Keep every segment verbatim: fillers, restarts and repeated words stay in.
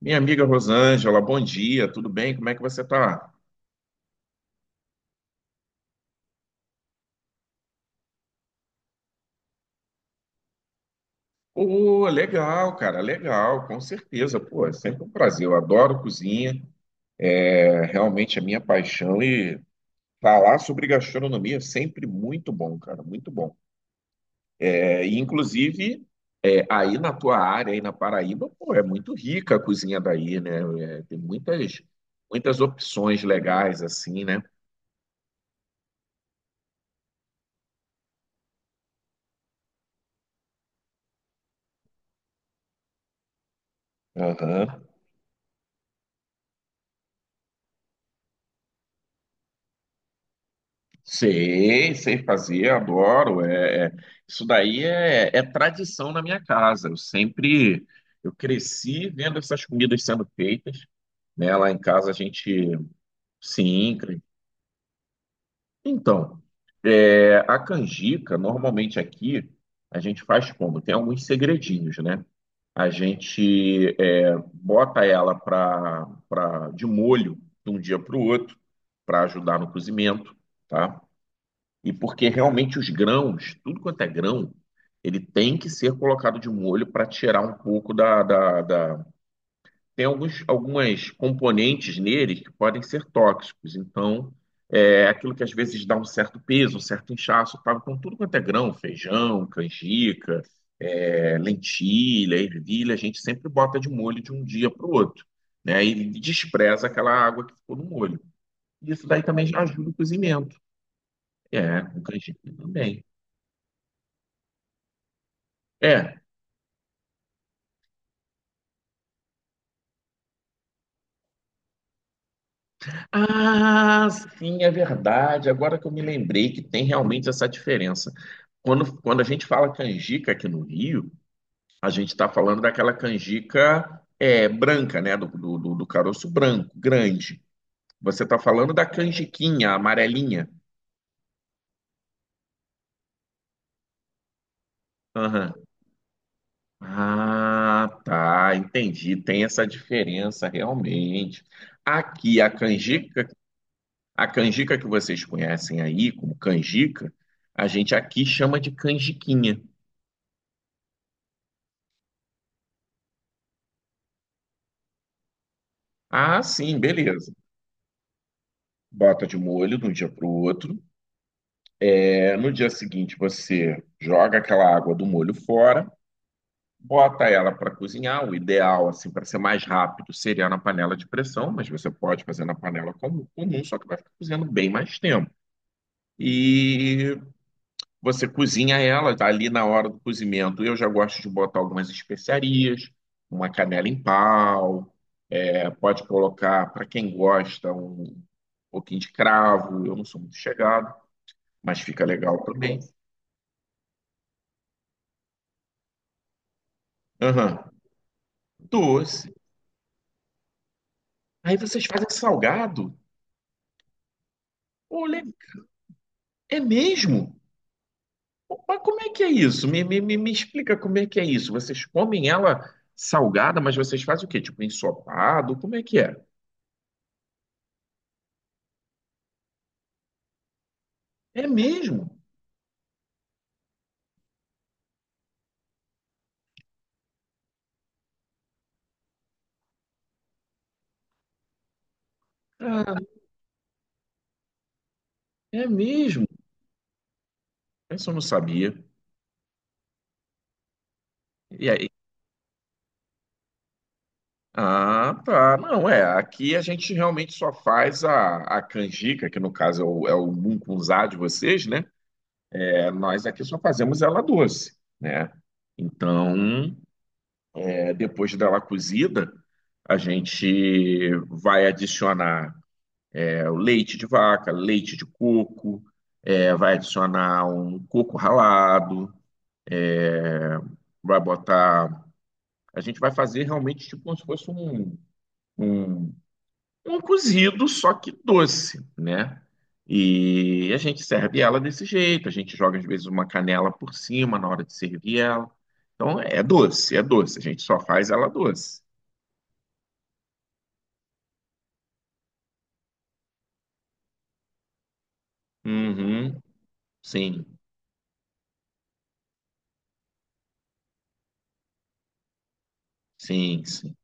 Minha amiga Rosângela, bom dia, tudo bem? Como é que você tá? Pô, legal, cara, legal, com certeza. Pô, é sempre um prazer. Eu adoro cozinha, é realmente a minha paixão e falar sobre gastronomia é sempre muito bom, cara, muito bom. É, e inclusive, é, aí na tua área, aí na Paraíba, pô, é muito rica a cozinha daí, né? É, tem muitas, muitas opções legais assim, né? Aham. Sei, sei fazer, adoro. É, é- isso daí é, é tradição na minha casa. Eu sempre, eu cresci vendo essas comidas sendo feitas, né? Lá em casa a gente, sim, cre- então, é, a canjica, normalmente aqui, a gente faz como? Tem alguns segredinhos, né? A gente é, bota ela pra, pra, de molho de um dia para o outro, para ajudar no cozimento, tá? E porque realmente os grãos, tudo quanto é grão, ele tem que ser colocado de molho para tirar um pouco da, da, da- tem alguns, algumas componentes nele que podem ser tóxicos. Então, é aquilo que às vezes dá um certo peso, um certo inchaço, tá? Então, tudo quanto é grão, feijão, canjica, é, lentilha, ervilha, a gente sempre bota de molho de um dia para o outro, né? E despreza aquela água que ficou no molho. Isso daí também já ajuda o cozimento. É, com canjica também. É. Ah, sim, é verdade. Agora que eu me lembrei que tem realmente essa diferença. Quando, quando a gente fala canjica aqui no Rio, a gente está falando daquela canjica é, branca, né? Do, do, do- do caroço branco, grande. Você está falando da canjiquinha, amarelinha. Aham. Ah, tá, entendi. Tem essa diferença realmente. Aqui a canjica. A canjica que vocês conhecem aí como canjica, a gente aqui chama de canjiquinha. Ah, sim, beleza. Bota de molho de um dia para o outro. É, no dia seguinte você joga aquela água do molho fora, bota ela para cozinhar. O ideal, assim, para ser mais rápido, seria na panela de pressão, mas você pode fazer na panela comum, comum, só que vai ficar cozinhando bem mais tempo. E você cozinha ela tá ali na hora do cozimento. Eu já gosto de botar algumas especiarias, uma canela em pau, é, pode colocar, para quem gosta, um pouquinho de cravo. Eu não sou muito chegado, mas fica legal também. Aham. Doce. Aí vocês fazem salgado? Olha, é mesmo? Mas como é que é isso? Me, me, me me explica como é que é isso. Vocês comem ela salgada, mas vocês fazem o quê? Tipo ensopado? Como é que é? É mesmo? Ah, é mesmo? Isso eu não sabia. E aí? Ah, tá. Não, é. Aqui a gente realmente só faz a, a canjica, que no caso é o, é o mungunzá de vocês, né? É, nós aqui só fazemos ela doce, né? Então, é, depois dela cozida, a gente vai adicionar é, o leite de vaca, leite de coco, é, vai adicionar um coco ralado, é, vai botar. A gente vai fazer realmente tipo como se fosse um, um um cozido, só que doce, né? E a gente serve ela desse jeito, a gente joga às vezes uma canela por cima na hora de servir ela. Então é doce, é doce, a gente só faz ela doce. Uhum, sim, sim, sim.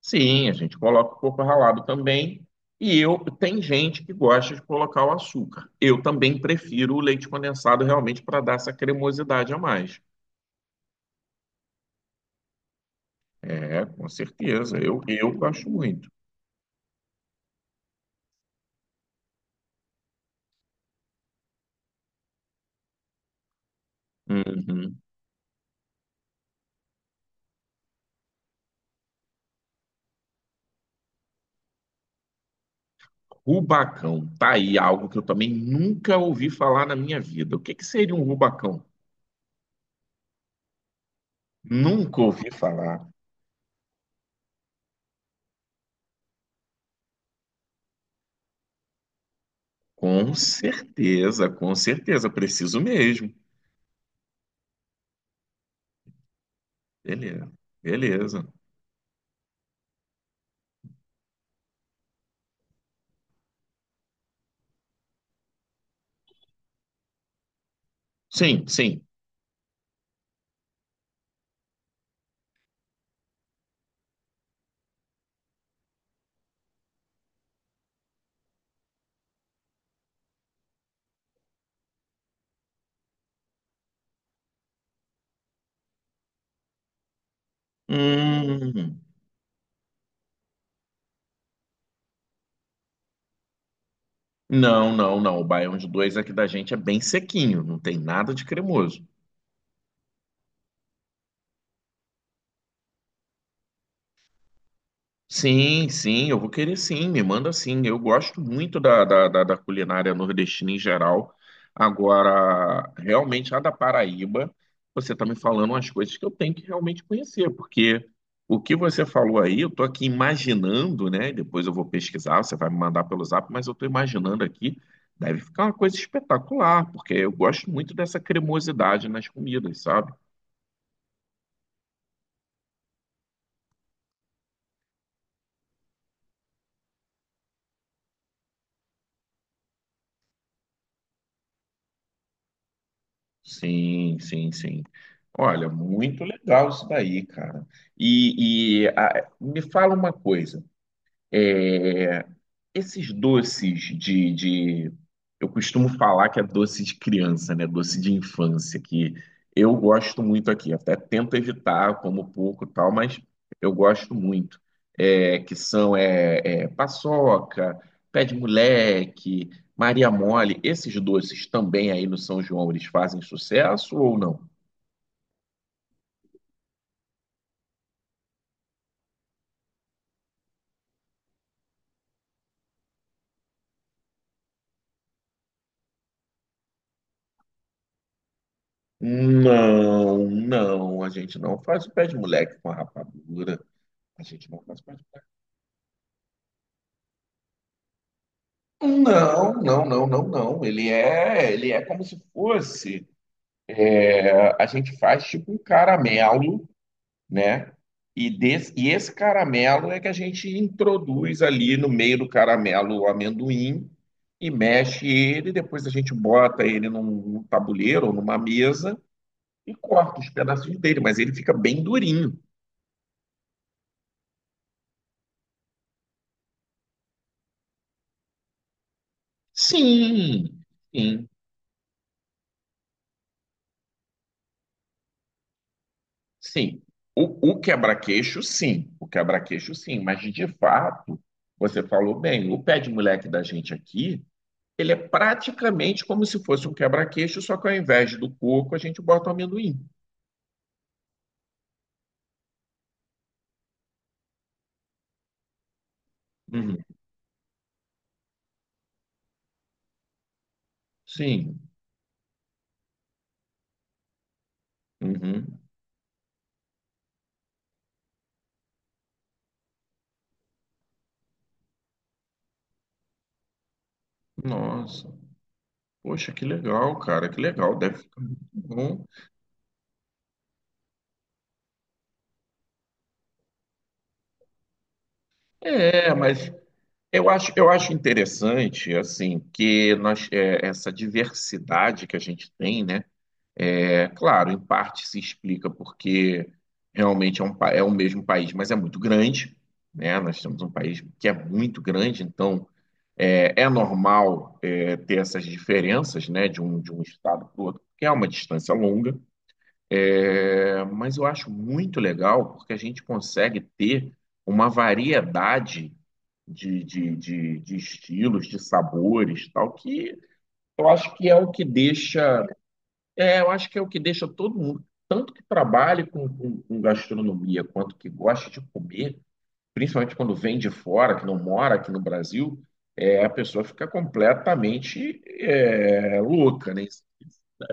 Sim, a gente coloca o coco ralado também. E eu, tem gente que gosta de colocar o açúcar. Eu também prefiro o leite condensado realmente para dar essa cremosidade a mais. É, com certeza, eu, eu gosto muito. Uhum. Rubacão, tá aí algo que eu também nunca ouvi falar na minha vida. O que que seria um rubacão? Nunca ouvi falar. Com certeza, com certeza, preciso mesmo. Beleza, beleza. Sim, sim. Hum, não, não, não. O baião de dois aqui da gente é bem sequinho, não tem nada de cremoso. Sim, sim, eu vou querer sim, me manda sim. Eu gosto muito da, da, da, da culinária nordestina em geral. Agora, realmente, a da Paraíba, você está me falando umas coisas que eu tenho que realmente conhecer, porque o que você falou aí, eu estou aqui imaginando, né? Depois eu vou pesquisar, você vai me mandar pelo zap, mas eu estou imaginando aqui, deve ficar uma coisa espetacular, porque eu gosto muito dessa cremosidade nas comidas, sabe? Sim, sim, sim. Olha, muito legal isso daí, cara. E, e, ah, me fala uma coisa. eh, esses doces de, de- eu costumo falar que é doce de criança, né? Doce de infância, que eu gosto muito aqui. Até tento evitar, como pouco e tal, mas eu gosto muito. É, que são é, é, paçoca, pé de moleque, Maria Mole. Esses doces também aí no São João, eles fazem sucesso ou não? Não, não. A gente não faz o pé de moleque com a rapadura. A gente não faz pé de não, não, não, não, não. Ele é, ele é como se fosse. É, a gente faz tipo um caramelo, né? E, des, e esse caramelo é que a gente introduz ali no meio do caramelo o amendoim e mexe ele. Depois a gente bota ele num, num tabuleiro ou numa mesa e corta os pedacinhos dele, mas ele fica bem durinho. Sim, sim. Sim, o, o quebra-queixo, sim, o quebra-queixo, sim, mas de fato, você falou bem, o pé de moleque da gente aqui, ele é praticamente como se fosse um quebra-queixo, só que ao invés do coco, a gente bota o amendoim. Uhum. Sim, uhum. Nossa, poxa, que legal, cara, que legal, deve ficar muito bom. É, mas eu acho, eu acho interessante, assim, que nós, é, essa diversidade que a gente tem, né? É claro, em parte se explica porque realmente é, um, pa- é o mesmo país, mas é muito grande, né? Nós temos um país que é muito grande, então é, é normal é, ter essas diferenças, né, de um, de um estado para o outro, porque é uma distância longa. É, mas eu acho muito legal porque a gente consegue ter uma variedade de, de, de, de estilos, de sabores, tal, que eu acho que é o que deixa é, eu acho que é o que deixa todo mundo, tanto que trabalha com, com- com gastronomia, quanto que gosta de comer, principalmente quando vem de fora, que não mora aqui no Brasil, é, a pessoa fica completamente é, louca, né?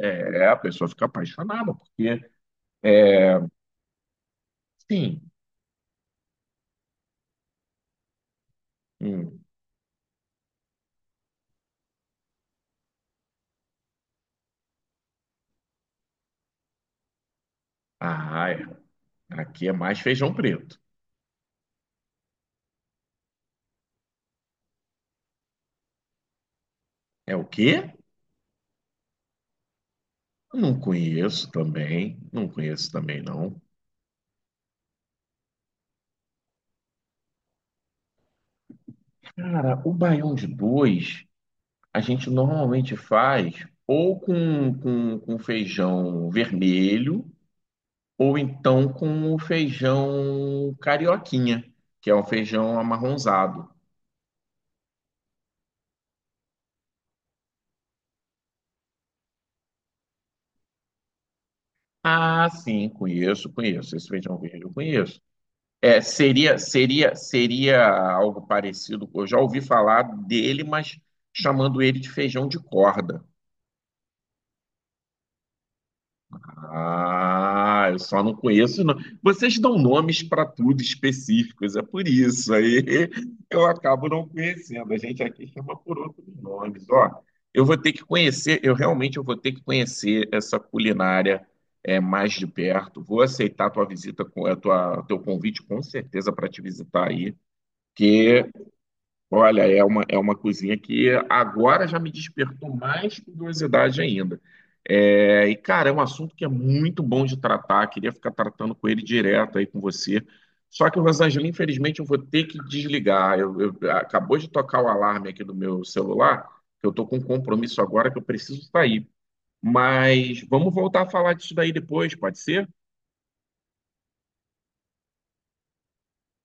É, a pessoa fica apaixonada, porque, sim, hum, ah, é, aqui é mais feijão preto. É o quê? Não conheço também, não conheço também não. Cara, o baião de dois. A gente normalmente faz ou com, com, com feijão vermelho, ou então com o feijão carioquinha, que é um feijão amarronzado. Ah, sim, conheço, conheço. Esse feijão verde eu conheço. É, seria, seria, seria algo parecido. Eu já ouvi falar dele, mas chamando ele de feijão de corda. Ah, eu só não conheço. Não. Vocês dão nomes para tudo específicos, é por isso. Aí eu acabo não conhecendo. A gente aqui chama por outros nomes. Ó, eu vou ter que conhecer, eu realmente eu vou ter que conhecer essa culinária é, mais de perto. Vou aceitar a tua visita, com- a tua, teu convite com certeza para te visitar aí, que olha, é uma, é uma cozinha que agora já me despertou mais curiosidade ainda. É, e, cara, é um assunto que é muito bom de tratar, queria ficar tratando com ele direto aí com você. Só que, Rosângela, infelizmente eu vou ter que desligar. Eu, eu- acabou de tocar o alarme aqui do meu celular, que eu estou com um compromisso agora que eu preciso sair. Mas vamos voltar a falar disso daí depois, pode ser?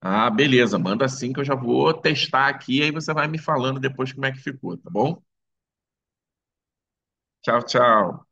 Ah, beleza, manda sim que eu já vou testar aqui, aí você vai me falando depois como é que ficou, tá bom? Tchau, tchau.